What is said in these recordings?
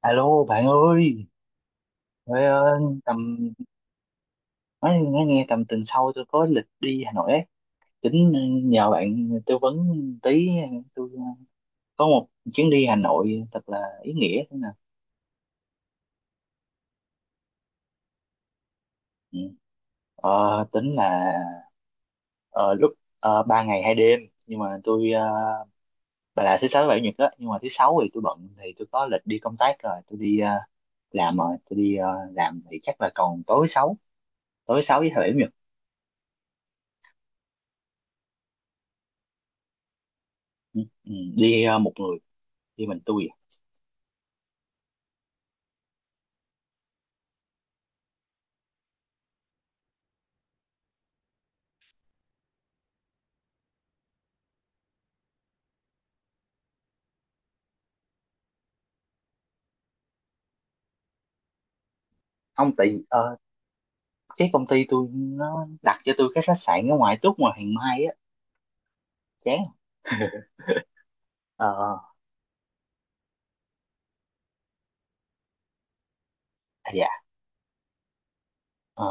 Alo bạn ơi! Trời ơi, nói nghe tầm tuần sau tôi có lịch đi Hà Nội ấy. Tính nhờ bạn tư vấn tí, tôi có một chuyến đi Hà Nội thật là ý nghĩa thế nào. Ừ. Tính là ờ, lúc 3 ngày 2 đêm, nhưng mà tôi bà là thứ sáu, thứ bảy, chủ nhật đó, nhưng mà thứ sáu thì tôi bận, thì tôi có lịch đi công tác rồi, tôi đi làm rồi tôi đi làm, thì chắc là còn tối sáu với thứ bảy, chủ nhật. Ừ. Ừ, đi một người, đi mình tôi. Không, tại vì cái công ty tôi nó đặt cho tôi cái khách sạn ở ngoài, trước ngoài Hàng Mai á. Chán. Ờ. À, dạ. Ờ.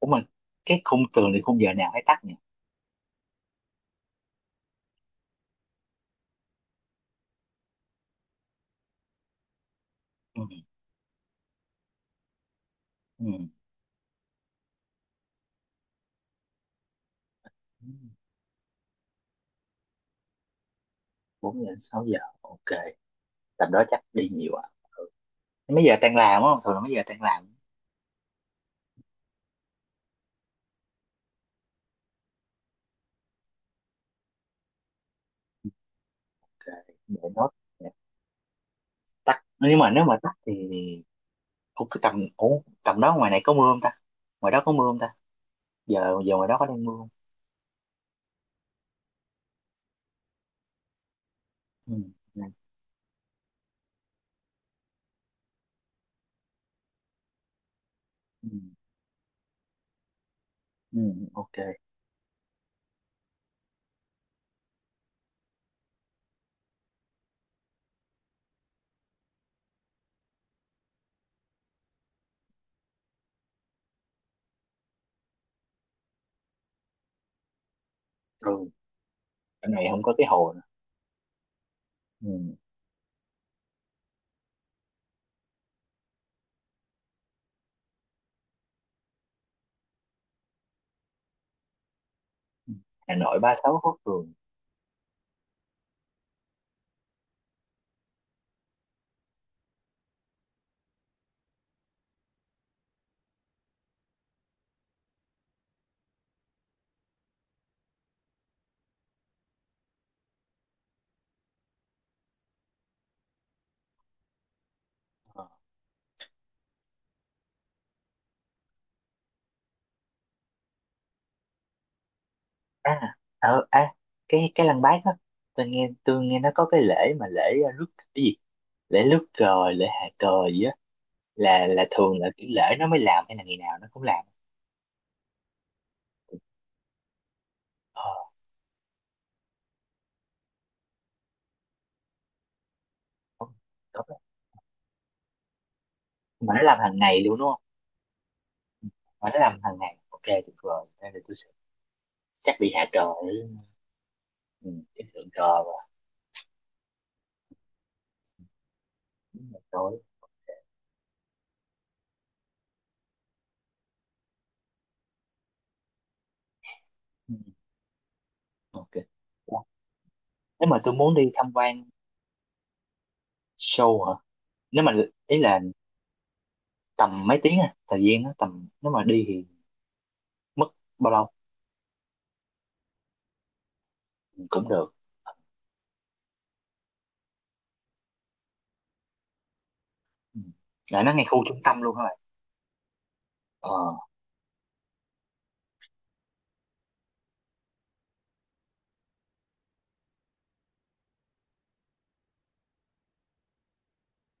Ủa mà cái khung tường thì khung giờ nào hay tắt nhỉ? Ừ. Ừ, 4 giờ đến 6 giờ, ok. Tầm đó chắc đi nhiều à? Mấy giờ tan làm á, thường là mấy giờ tan làm? Ok để nốt. Tắt, nhưng mà nếu mà tắt thì... Ủa tầm đó ngoài này có mưa không ta? Ngoài đó có mưa không ta? Giờ giờ ngoài đó có đang mưa không? Ừ. Ừ. Ừ, ừ, ok rồi. Ở này không có cái hồ nữa. Ừ, Hà Nội 36 phố phường. Ờ. à, ờ, à cái Lăng Bác đó, tôi nghe nó có cái lễ, mà lễ rước cái gì, lễ rước cờ, lễ hạ cờ gì á. Là thường là kiểu lễ nó mới làm hay là ngày nào nó cũng làm? Ờ. Không, không, mà nó làm hàng ngày luôn đúng không? Mà nó làm hàng ngày, ok tuyệt vời. Đây là tôi sẽ chắc đi hạ cờ để... Ừ, cái thượng cờ và... đúng là tối. Ừ, ok. Ủa, nếu mà tôi muốn đi tham quan show hả? Nếu mà ý là tầm mấy tiếng, à thời gian nó tầm nếu mà đi thì mất bao lâu? Thì cũng được. Ừ. Lại nó ngay khu trung tâm luôn các bạn. Ờ.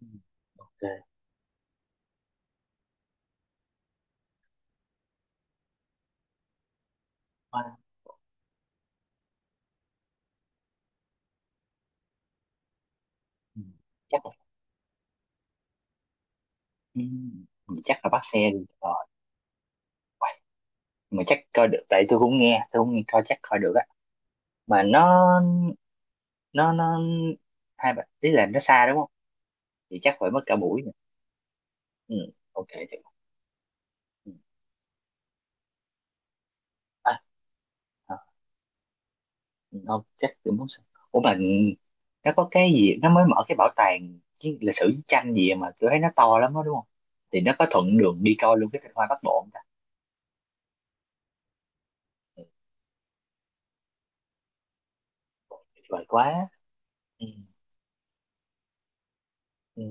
Ừ, ok. Quá- ừ, chắc là ừ, mình chắc là bắt xe đi vậy. Mà chắc coi được, tại tôi cũng nghe coi chắc coi được á. Mà nó hai bạn ý là nó xa đúng không? Thì chắc phải mất cả buổi nữa. Ừ, ok được. Ừ. À. À, không, chắc kiểu muốn xem. Ủa mà nó có cái gì nó mới mở, cái bảo tàng cái lịch sử chiến tranh gì mà tôi thấy nó to lắm đó đúng không? Thì nó có thuận đường đi coi luôn cái Tinh Hoa Bắc Bộ không ta? Ừ. Tuyệt vời quá. Ừ. Ừ.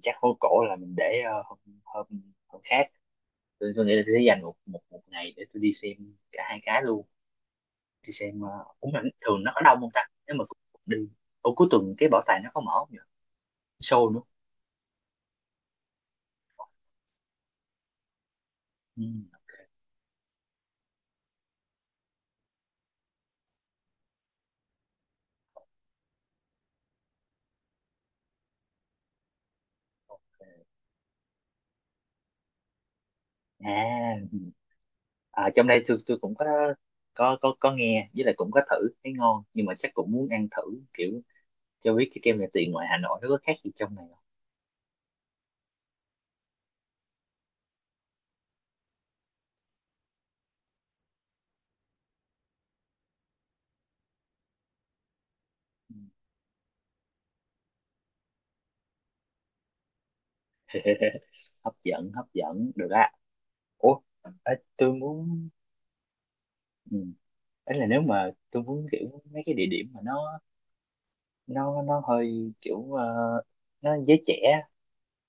Chắc hố cổ là mình để ờ, hôm, hôm hôm khác. Tôi nghĩ là tôi sẽ dành một một một ngày để tôi đi xem cả hai cái luôn. Đi xem cũng là thường nó có đông không ta? Nếu mà cũng đi... Ủa cuối tuần cái bảo tàng nó có mở không nhỉ? Show nữa. Ừ. Ok. À, à, trong đây tôi cũng có nghe, với lại cũng có thử thấy ngon, nhưng mà chắc cũng muốn ăn thử kiểu cho biết cái kem nhà tiền ngoài Hà Nội nó có khác gì trong này không. Hấp dẫn, hấp dẫn được á. Ủa. À, tôi muốn. Ừ. Ấy là nếu mà tôi muốn kiểu mấy cái địa điểm mà nó hơi kiểu nó giới trẻ,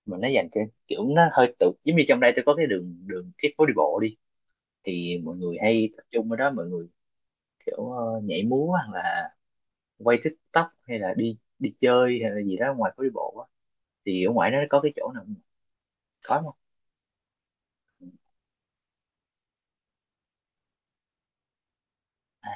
mà nó dành cho kiểu nó hơi tự, giống như trong đây tôi có cái đường đường cái phố đi bộ đi, thì mọi người hay tập trung ở đó, mọi người kiểu nhảy múa, hoặc là quay TikTok, hay là đi đi chơi hay là gì đó ngoài phố đi bộ á, thì ở ngoài nó có cái chỗ nào có không? À,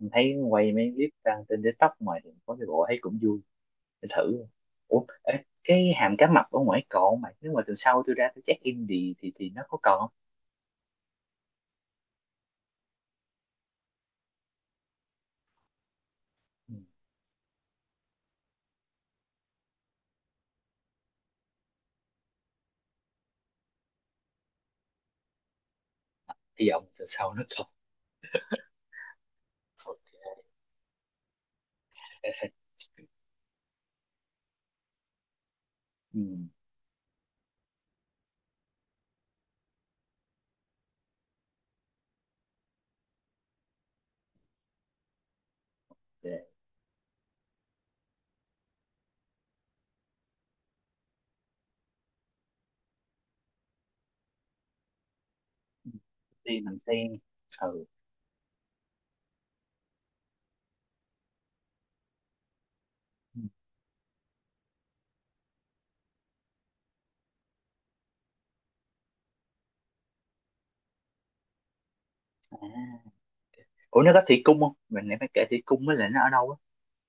mình thấy quay mấy clip đăng trên TikTok, ngoài thì phố đi bộ thấy cũng vui, để thử. Ủa ê, cái hàm cá mập ở ngoài còn không mày, nếu mà tuần sau tôi ra tôi check in thì nó có còn không? Ừ. Hy vọng tuần sau nó còn. Ok. Ừ, để đi mình xem. Ừ. À, ủa nó có thủy cung không, mình lại phải kể thủy cung với lại nó ở đâu á,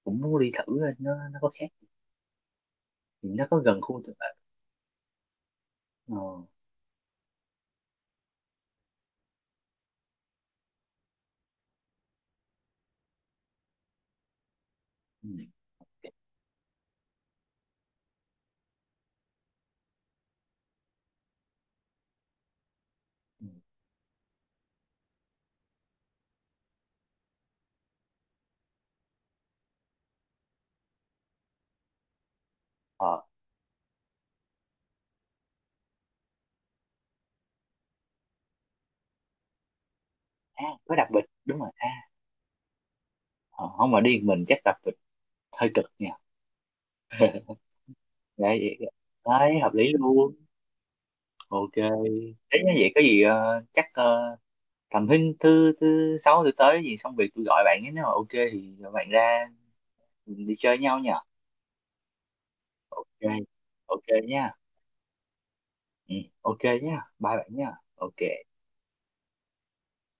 cũng muốn đi thử. Nó có, thì nó có gần khu tự ờ, ừ, ừ. Ờ. À, có đặc biệt đúng rồi. À, ờ, không mà đi một mình chắc đặc biệt hơi cực nha. Đấy. Đấy hợp lý luôn, ok. Thế như vậy có gì chắc tầm thứ thứ thứ sáu tôi tới gì xong việc tôi gọi bạn ấy, nếu mà ok thì bạn ra mình đi chơi với nhau nhỉ. Ok. Ok nha. Ừ, ok nha, bye bạn nha. Ok.